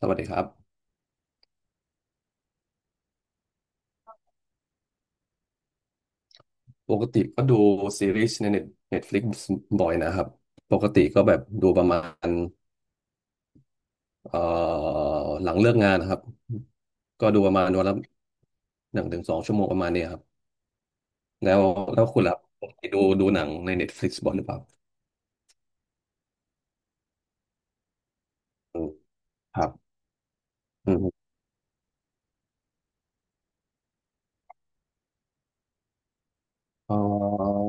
สวัสดีครับปกติก็ดูซีรีส์ในเน็ตฟลิกบ่อยนะครับปกติก็แบบดูประมาณเอ่อหลังเลิกงานนะครับก็ดูประมาณวันละ1 ถึง 2 ชั่วโมงประมาณนี้ครับแล้วแล้วคุณล่ะปกติดูหนังในเน็ตฟลิกบ่อยหรือเปล่าอืมครับอืมเอ่อ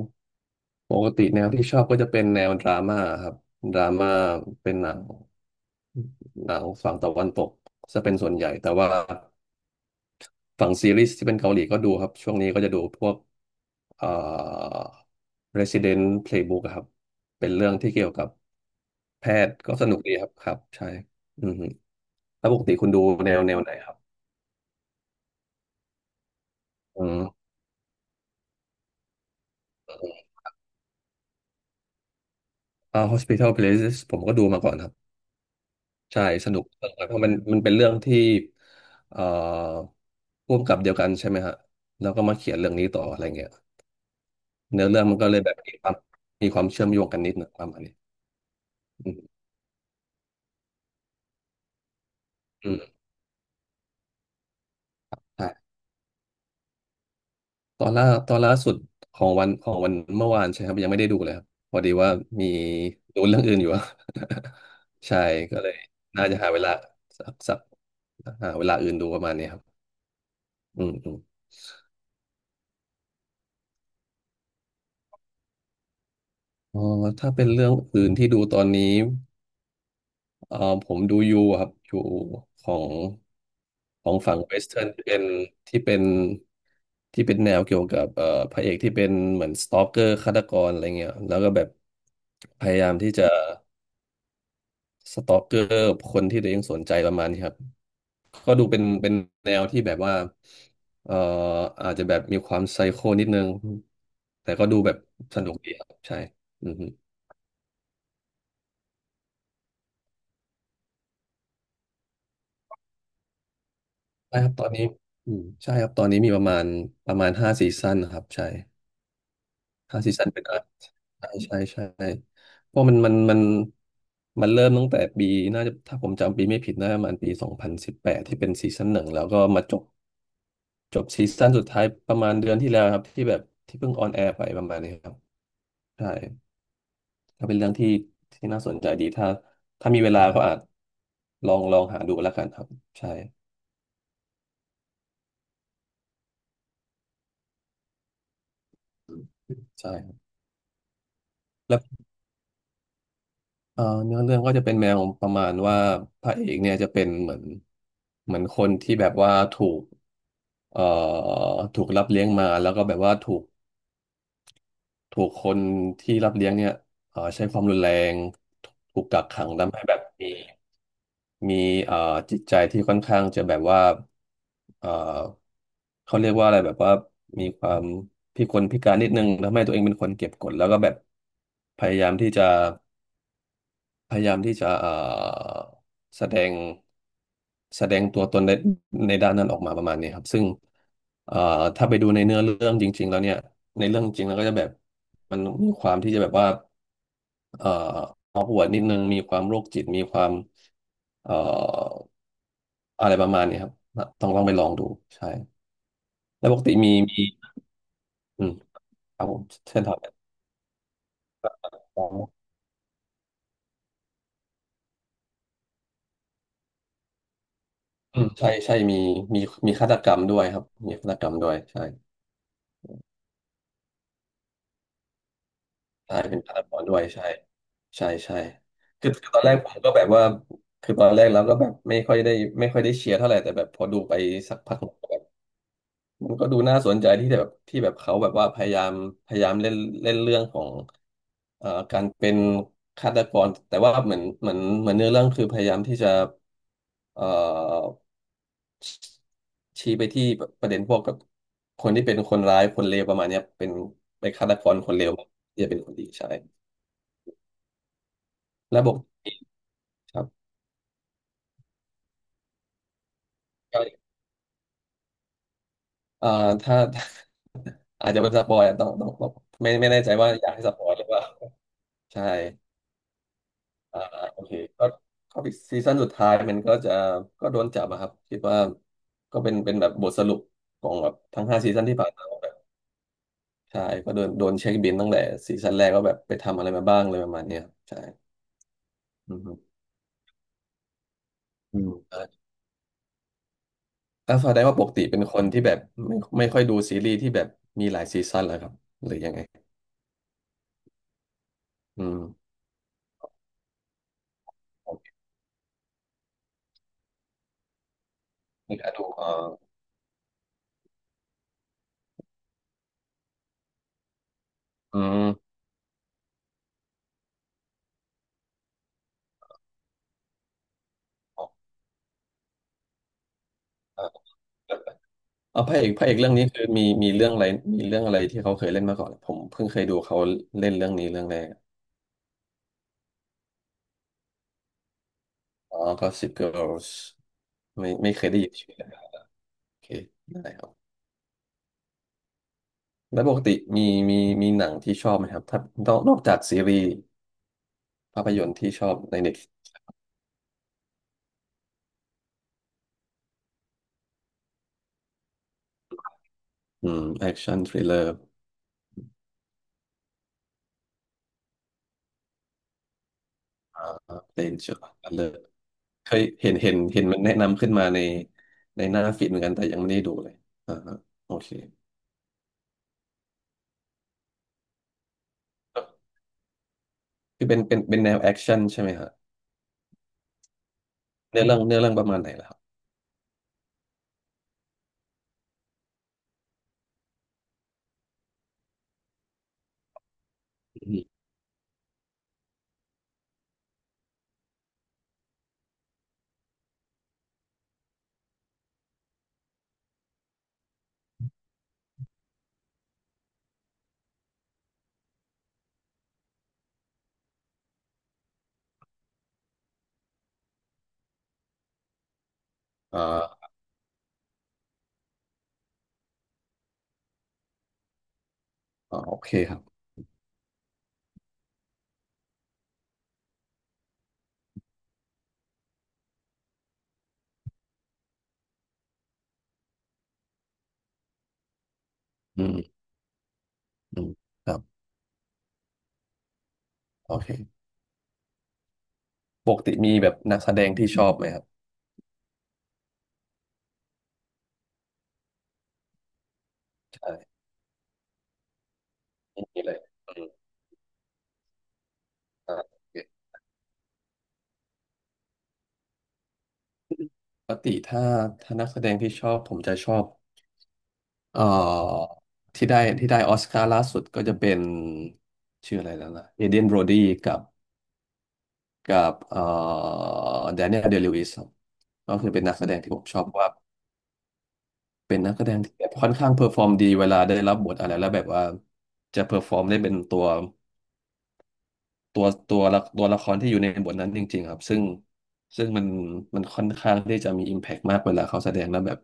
ปกติแนวที่ชอบก็จะเป็นแนวดราม่าครับดราม่าเป็นหนังฝั่งตะวันตกจะเป็นส่วนใหญ่แต่ว่า ฝั่งซีรีส์ที่เป็นเกาหลีก็ดูครับช่วงนี้ก็จะดูพวกเอ่อ Resident Playbook อะครับเป็นเรื่องที่เกี่ยวกับแพทย์ก็สนุกดีครับครับใช่อืมแล้วปกติคุณดูแนวไหนครับอืมอ่า Hospital Playlist ผมก็ดูมาก่อนครับใช่สนุกเออเพราะมันเป็นเรื่องที่เอ่อร่วมกับเดียวกันใช่ไหมฮะแล้วก็มาเขียนเรื่องนี้ต่ออะไรเงี้ยเนื้อเรื่องมันก็เลยแบบมีความเชื่อมโยงกันนิดหน่งประมาณนี้อืมอืมใช่ ตอนล่าสุดของวันเมื่อวานใช่ครับยังไม่ได้ดูเลยครับพอดีว่ามีดูเรื่องอื่นอยู่อะ ใช่ก็เลยน่าจะหาเวลาสักสักหาเวลาอื่นดูประมาณนี้ครับอืมอืมอ๋อถ้าเป็นเรื่องอื่นที่ดูตอนนี้เอ่อผมดูยูอะครับยูของของฝั่งเวสเทิร์นที่เป็นแนวเกี่ยวกับพระเอกที่เป็นเหมือนสตอกเกอร์ฆาตกรอะไรเงี้ยแล้วก็แบบพยายามที่จะ สตอกเกอร์คนที่ตัวเองสนใจประมาณนี้ครับก็ดูเป็นแนวที่แบบว่าเอ่ออาจจะแบบมีความไซโคนิดนึงแต่ก็ดูแบบสนุกดีครับใช่อือฮึใช่ครับตอนนี้อืมใช่ครับตอนนี้มีประมาณห้าซีซั่นครับใช่ห้าซีซั่นเป็นอาร์ใช่ใช่ใช่เพราะมันเริ่มตั้งแต่ปีน่าจะถ้าผมจำปีไม่ผิดน่าจะประมาณปี2018ที่เป็นซีซั่นหนึ่งแล้วก็มาจบซีซั่นสุดท้ายประมาณเดือนที่แล้วครับที่แบบที่เพิ่งออนแอร์ไปประมาณนี้ครับใช่ก็เป็นเรื่องที่น่าสนใจดีถ้ามีเวลาก็อาจลองหาดูแล้วกันครับใช่ใช่ครับแล้วเนื้อเรื่องก็จะเป็นแนวประมาณว่าพระเอกเนี่ยจะเป็นเหมือนเหมือนคนที่แบบว่าถูกเอ่อถูกรับเลี้ยงมาแล้วก็แบบว่าถูกคนที่รับเลี้ยงเนี่ยใช้ความรุนแรงถูกกักขังทำให้แบบมี มีเอ่อจิตใจที่ค่อนข้างจะแบบว่าเอ่อเขาเรียกว่าอะไรแบบว่ามีความพิกลพิการนิดนึงทำให้ตัวเองเป็นคนเก็บกดแล้วก็แบบพยายามที่จะพยายามที่จะแสดงแสดงตัวตนในด้านนั้นออกมาประมาณนี้ครับซึ่งเอ่อถ้าไปดูในเนื้อเรื่องจริงๆแล้วเนี่ยในเรื่องจริงแล้วก็จะแบบมันมีความที่จะแบบว่าเอ่อออกหัวดนิดนึงมีความโรคจิตมีความเอ่อ อะไรประมาณนี้ครับต้องไปลองดูใช่ แล้วปกติมีอืมครับผมเช่นทำแบบอืมใช่ใช่มีมีฆาตกรรมด้วยครับมีฆาตกรรมด้วยใช่ใช่เป็นฆาตกรด้วยใช่ใช่ใช่คือตอนแรกผมก็แบบว่าคือตอนแรกเราก็แบบไม่ค่อยได้เชียร์เท่าไหร่แต่แบบพอดูไปสักพัก มันก็ดูน่าสนใจที่แบบที่แบบเขาแบบว่าพยายามเล่นเล่นเรื่องของการเป็นฆาตกรแต่ว่าเหมือนเนื้อเรื่องคือพยายามที่จะเอ่อชี้ไปที่ประเด็นพวกกับคนที่เป็นคนร้ายคนเลวประมาณเนี้ยเป็นฆาตกรคนเลวที่จะเป็นคนดีใช่และบวกครับก็เอ่อถ้า อาจจะเป็นสปอยอะต้องไม่แน่ใจว่าอยากให้สปอยหรือเปล่าใช่ อ่าโอเคก็ก็ซีซั่นสุดท้ายมันก็จะก็โดนจับอะครับคิดว่าก็เป็นแบบบทสรุปของแบบทั้ง 5 ซีซั่นที่ผ่านมาว่าแบบใช่ก็โดนเช็คบินตั้งแต่ซีซั่นแรกว่าแบบไปทำอะไรมาบ้างเลยประมาณเนี้ยครับใช่อืมฮึอืมอ่าแล้วแสดงว่าปกติเป็นคนที่แบบไม่ค่อยดูซีรีส์ที่แบบมีหลายซีซั่นแล้วครับหรือยังไงอืมโอเคไม่กล้าดูอ่าอืม เออพระเอกเรื่องนี้คือมีเรื่องอะไรที่เขาเคยเล่นมาก่อน ผมเพิ่งเคยดูเขาเล่นเรื่องนี้เรื่องแรกอ๋อ Gossip Girls ไม่เคยได้ยินชื่อเลยโอเคได้ครับแล้วปกติมีมีมีหนังที่ชอบไหมครับถ้านอกจากซีรีส์ภาพยนตร์ที่ชอบในเน็ตอืมแอคชั่นทริลเลอร์เดนเจอร์ทเลอร์เคยเห็นมันแนะนำขึ้นมาในหน้าฟีดเหมือนกัน แต่ยังไม่ได้ดูเลยอ่าฮะโอเคคือเป็นแนวแอคชั่นใช่ไหมฮะเนื้อเรื่องประมาณไหนล่ะครับ อืมอ่าอ่าโอเคครับอืมอืมครับโอเคปกติมีแบบนักแสดงที่ชอบไหมครับ ใช่ไม่มีเลยอืมอ่าโอเคปกติถ้านักแสดงที่ชอบ ผมจะชอบเอ่อที่ได้ออสการ์ล่าสุดก็จะเป็นชื่ออะไรแล้วนะเอเดนโบรดีกับกับแดเนียลเดลิวิสครับก็คือเป็นนักแสดงที่ผมชอบเพราะว่า เป็นนักแสดงที่แบบค่อนข้างเพอร์ฟอร์มดีเวลาได้รับบทอะไรแล้วแบบว่าจะเพอร์ฟอร์มได้เป็นตัว ตัวละครที่อยู่ในบทนั้นจริงๆครับซึ่งมันค่อนข้างที่จะมีอิมแพกมากเวลาเขาแสดงแล้วแบบ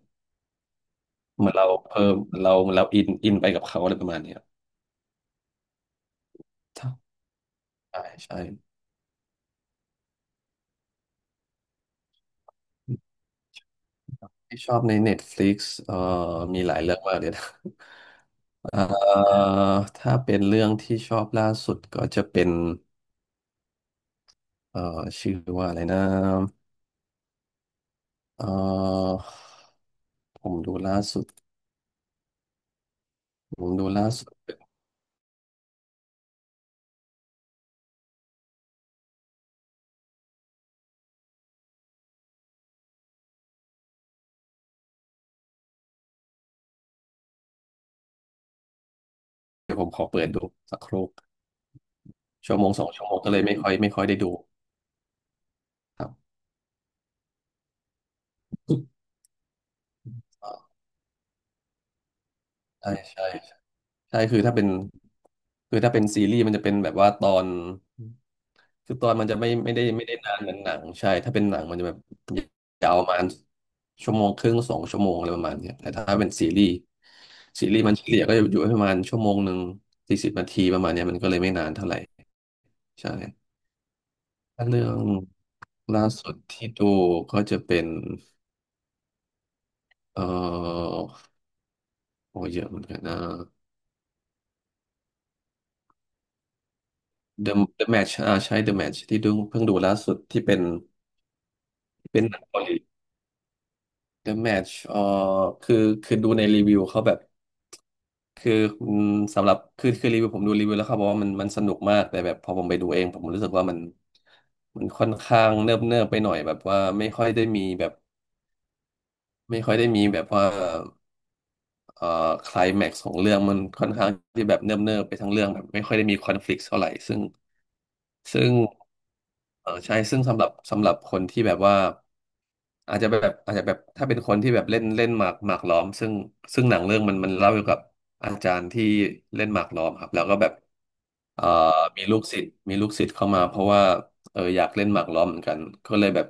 เหมือนเราเพิ่มเราเอเราอินไปกับเขาอะไรประมาณเนี้ยครับใช่ใช่ที่ชอบใน Netflix เอ่อมีหลายเรื่องมากเลยนะ เอ่อถ้าเป็นเรื่องที่ชอบล่าสุดก็จะเป็นเอ่อชื่อว่าอะไรนะเอ่อผมดูล่าสุดผมดูล่าสุดเดี๋ยวผมขอเปิดดูสักครู่ชั่วโมงสองชั่วโมงก็เลยไม่ค่อยได้ดู ใช่ใช่ใช่คือถ้าเป็นซีรีส์มันจะเป็นแบบว่าตอนคือตอนมันจะไม่ได้นานเหมือนหนังใช่ถ้าเป็นหนังมันจะแบบยาวประมาณชั่วโมงครึ่งสองชั่วโมงอะไรประมาณเนี้ยแต่ถ้าเป็นซีรีส์มันเฉลี่ยก็อยู่ประมาณชั่วโมงหนึ่งสี่สิบนาทีประมาณเนี้ยมันก็เลยไม่นานเท่าไหร่ใช่ถ้าเรื่องล่าสุดที่ดูก็จะเป็นเอ่อโอ้เยอะเหมือนกันนะ The The Match อ่าใช่ The Match ที่ดูเพิ่งดูล่าสุดที่เป็นหนังเกาหลี The Match คือคือดูในรีวิวเขาแบบคืออืมสำหรับคือรีวิวผมดูรีวิวแล้วเขาบอกว่ามันสนุกมากแต่แบบพอผมไปดูเองผมรู้สึกว่ามันค่อนข้างเนิบเนิบไปหน่อยแบบว่าไม่ค่อยได้มีแบบว่าเอ่อไคลแม็กซ์ของเรื่องมันค่อนข้างที่แบบเนิบเนิบไปทั้งเรื่องแบบไม่ค่อยได้มีคอนฟลิกต์เท่าไหร่ซึ่งเออใช่ซึ่งสำหรับคนที่แบบว่า อาจจะแบบถ้าเป็นคนที่แบบเล่นเล่นหมากล้อมซึ่งหนังเรื่องมันเล่าเกี่ยวกับอาจารย์ที่เล่นหมากล้อมครับแล้วก็แบบเอ่อมีลูกศิษย์เข้ามาเพราะว่าเอออยากเล่นหมากล้อมเหมือนกันก็เลยแบบ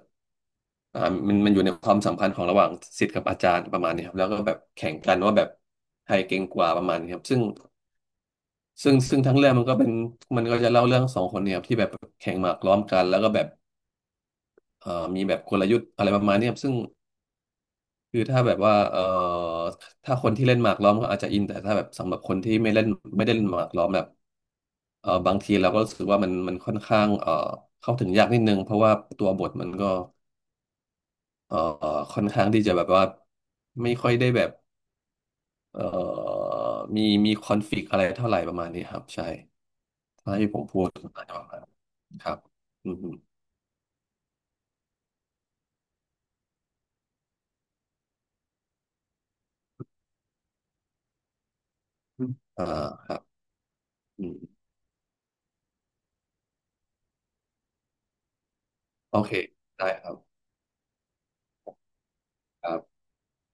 อ่ามันอยู่ในความสัมพันธ์ของระหว่างศิษย์กับอาจารย์ประมาณนี้ครับแล้วก็แบบแข่งกันว่าแบบใครเก่งกว่าประมาณนี้ครับซึ่งทั้งเรื่องมันก็จะเล่าเรื่องสองคนเนี่ยครับที่แบบแข่งหมากล้อมกันแล้วก็แบบเอ่อมีแบบกลยุทธ์อะไรประมาณนี้ครับซึ่ง คือถ้าแบบว่าถ้าคนที่เล่นหมากล้อมก็อาจจะอินแต่ถ้าแบบสำหรับคนที่ไม่ได้เล่นหมากล้อมแบบบางทีเราก็รู้สึกว่ามันค่อนข้างเข้าถึงยากนิดนึงเพราะว่าตัวบทมันก็เอ่อค่อนข้างที่จะแบบว่าไม่ค่อยได้แบบเอ่อมีคอนฟลิกต์อะไรเท่าไหร่ประมาณนี้ครับใช่ถ้าที่ผมพูดอาจจะประมาณนั้นครับอืมอมอ่าครับอืมโอเคได้ครับครับ